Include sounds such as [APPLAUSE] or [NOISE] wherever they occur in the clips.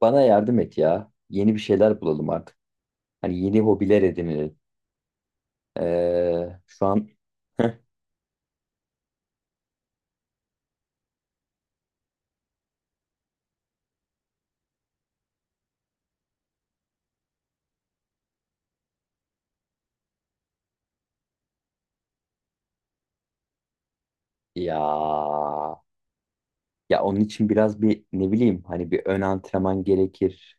Bana yardım et ya. Yeni bir şeyler bulalım artık. Hani yeni hobiler edinelim. Şu an, ya ya onun için biraz bir, ne bileyim, hani bir ön antrenman gerekir.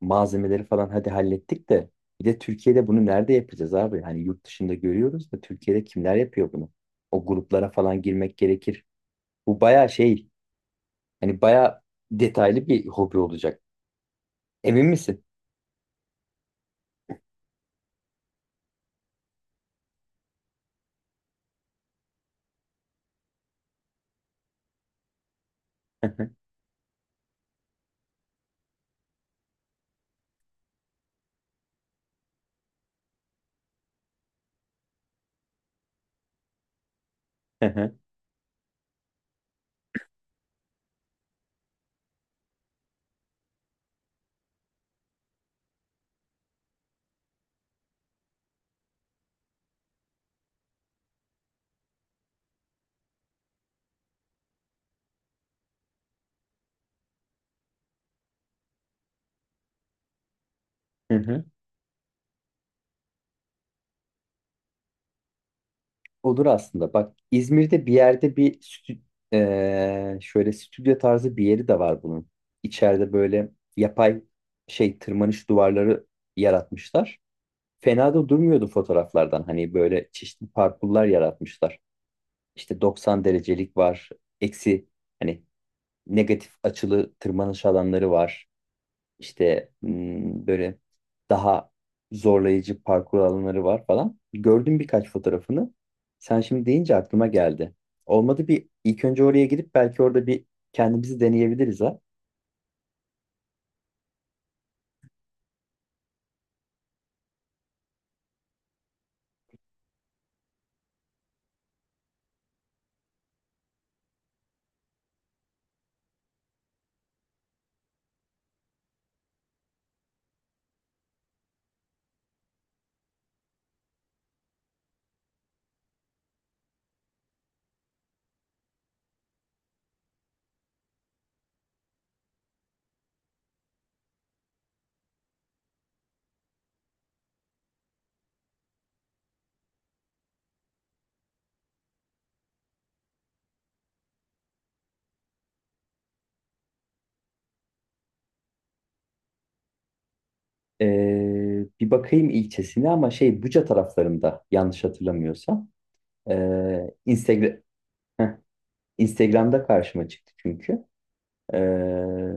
Malzemeleri falan hadi hallettik de bir de Türkiye'de bunu nerede yapacağız abi? Hani yurt dışında görüyoruz da Türkiye'de kimler yapıyor bunu? O gruplara falan girmek gerekir. Bu baya şey, hani baya detaylı bir hobi olacak. Emin misin? [LAUGHS] Olur aslında. Bak İzmir'de bir yerde bir şöyle stüdyo tarzı bir yeri de var bunun. İçeride böyle yapay şey tırmanış duvarları yaratmışlar. Fena da durmuyordu fotoğraflardan. Hani böyle çeşitli parkurlar yaratmışlar. İşte 90 derecelik var. Eksi, hani negatif açılı tırmanış alanları var. İşte böyle daha zorlayıcı parkur alanları var falan. Gördüm birkaç fotoğrafını. Sen şimdi deyince aklıma geldi. Olmadı bir ilk önce oraya gidip belki orada bir kendimizi deneyebiliriz ha. Bir bakayım ilçesine ama şey Buca taraflarında yanlış hatırlamıyorsam. Instagram Heh, Instagram'da karşıma çıktı çünkü. Ee,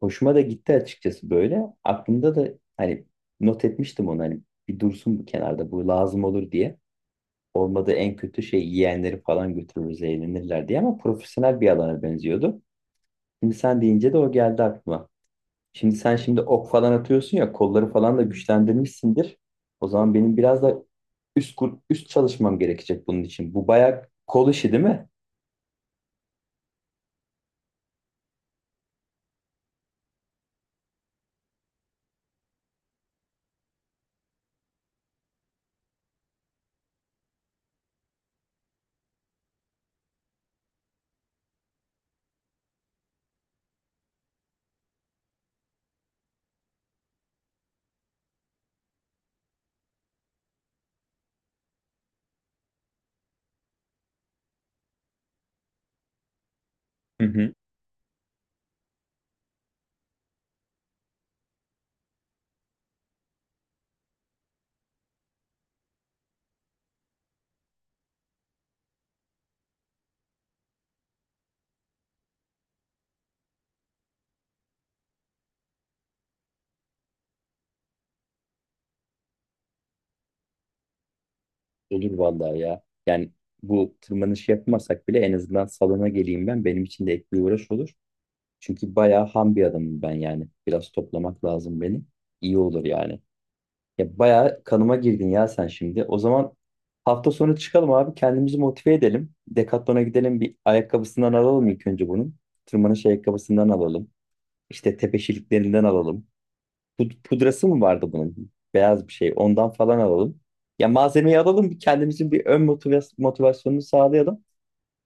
Hoşuma da gitti açıkçası böyle. Aklımda da hani not etmiştim onu, hani bir dursun bu kenarda, bu lazım olur diye. Olmadı en kötü şey yiyenleri falan götürürüz eğlenirler diye, ama profesyonel bir alana benziyordu. Şimdi sen deyince de o geldi aklıma. Şimdi sen şimdi ok falan atıyorsun ya, kolları falan da güçlendirmişsindir. O zaman benim biraz da üst çalışmam gerekecek bunun için. Bu bayağı kol işi değil mi? Hı hı. Olur vallahi ya. Yani bu tırmanış yapmasak bile en azından salona geleyim ben. Benim için de ek bir uğraş olur. Çünkü bayağı ham bir adamım ben yani. Biraz toplamak lazım beni. İyi olur yani. Ya bayağı kanıma girdin ya sen şimdi. O zaman hafta sonu çıkalım abi. Kendimizi motive edelim. Decathlon'a gidelim. Bir ayakkabısından alalım ilk önce bunun. Tırmanış ayakkabısından alalım. İşte tepeşiliklerinden alalım. Pudrası mı vardı bunun? Beyaz bir şey. Ondan falan alalım. Ya malzemeyi alalım, bir kendimizin bir ön motivasyonunu sağlayalım.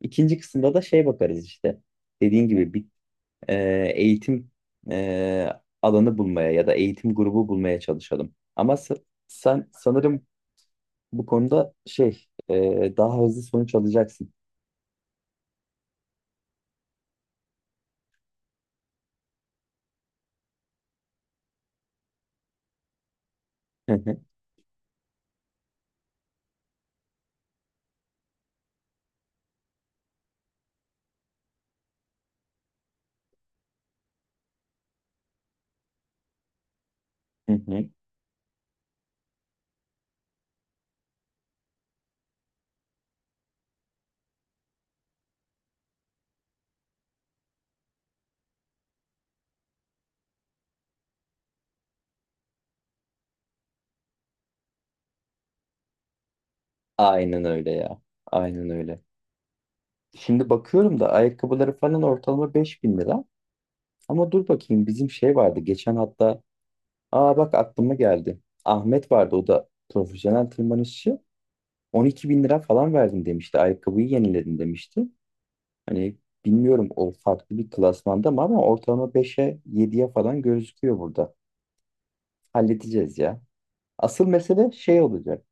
İkinci kısımda da şey bakarız işte. Dediğin gibi bir e, eğitim e, alanı bulmaya ya da eğitim grubu bulmaya çalışalım. Ama sen sanırım bu konuda şey, daha hızlı sonuç alacaksın. Hı hı, hı hı. Aynen öyle ya. Aynen öyle. Şimdi bakıyorum da ayakkabıları falan ortalama 5.000 lira. Ama dur bakayım bizim şey vardı geçen hatta. Aa bak aklıma geldi. Ahmet vardı, o da profesyonel tırmanışçı. 12 bin lira falan verdim demişti. Ayakkabıyı yeniledim demişti. Hani bilmiyorum o farklı bir klasmanda mı, ama ortalama beşe yediye falan gözüküyor burada. Halledeceğiz ya. Asıl mesele şey olacak.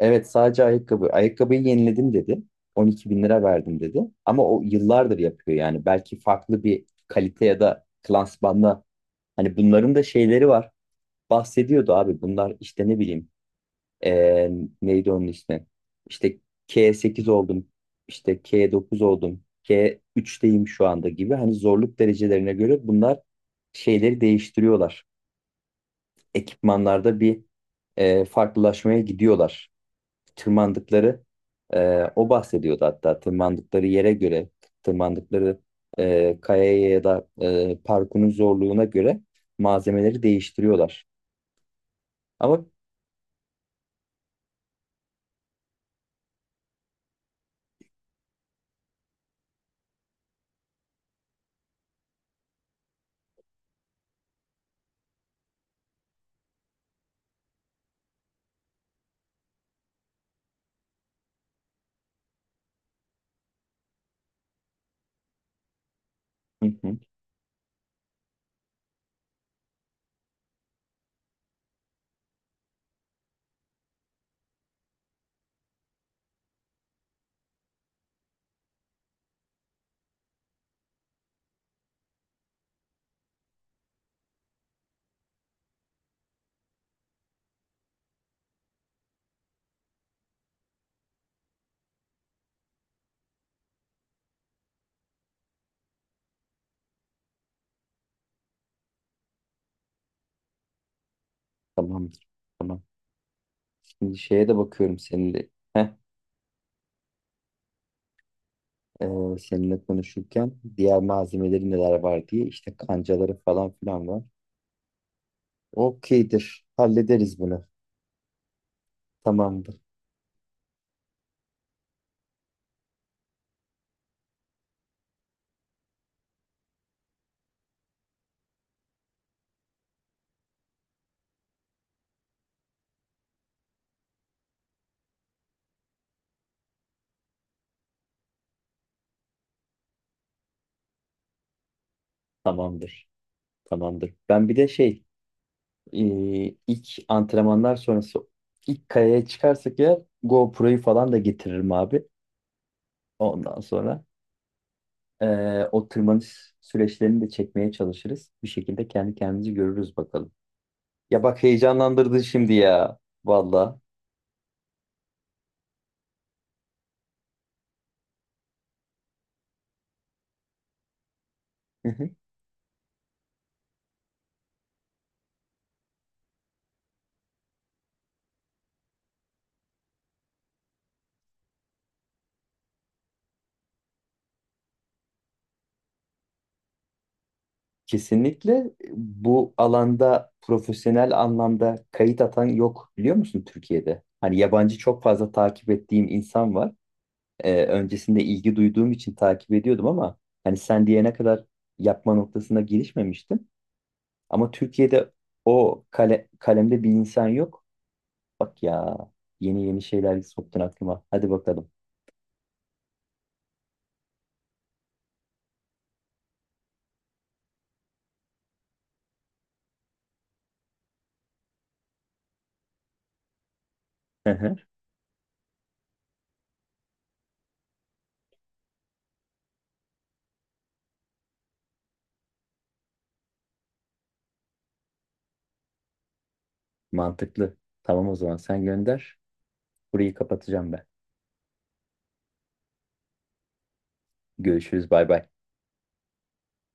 Evet, sadece ayakkabı. Ayakkabıyı yeniledim dedi. 12 bin lira verdim dedi. Ama o yıllardır yapıyor yani. Belki farklı bir kalite ya da klasmanda. Hani bunların da şeyleri var. Bahsediyordu abi bunlar, işte ne bileyim, eee, neydi onun ismi, işte K8 oldum, işte K9 oldum, K3'teyim şu anda gibi. Hani zorluk derecelerine göre bunlar şeyleri değiştiriyorlar, ekipmanlarda bir farklılaşmaya gidiyorlar. Tırmandıkları, o bahsediyordu hatta, tırmandıkları yere göre tırmandıkları kayaya ya da parkurun zorluğuna göre malzemeleri değiştiriyorlar, ama. Hı hı. Tamamdır. Tamam. Şimdi şeye de bakıyorum seninle. Heh, e, seninle konuşurken diğer malzemeleri neler var diye, işte kancaları falan filan var. Okeydir. Hallederiz bunu. Tamamdır. Tamamdır. Tamamdır. Ben bir de şey, e, ilk antrenmanlar sonrası ilk kayaya çıkarsak ya, GoPro'yu falan da getiririm abi. Ondan sonra e, o tırmanış süreçlerini de çekmeye çalışırız. Bir şekilde kendi kendimizi görürüz bakalım. Ya bak heyecanlandırdın şimdi ya. Valla. Hı hı. Kesinlikle bu alanda profesyonel anlamda kayıt atan yok biliyor musun Türkiye'de? Hani yabancı çok fazla takip ettiğim insan var. Öncesinde ilgi duyduğum için takip ediyordum, ama hani sen diyene kadar yapma noktasına girişmemiştim. Ama Türkiye'de o kalemde bir insan yok. Bak ya, yeni yeni şeyler soktun aklıma. Hadi bakalım. Hı hı. Mantıklı. Tamam, o zaman sen gönder. Burayı kapatacağım ben. Görüşürüz. Bay bay.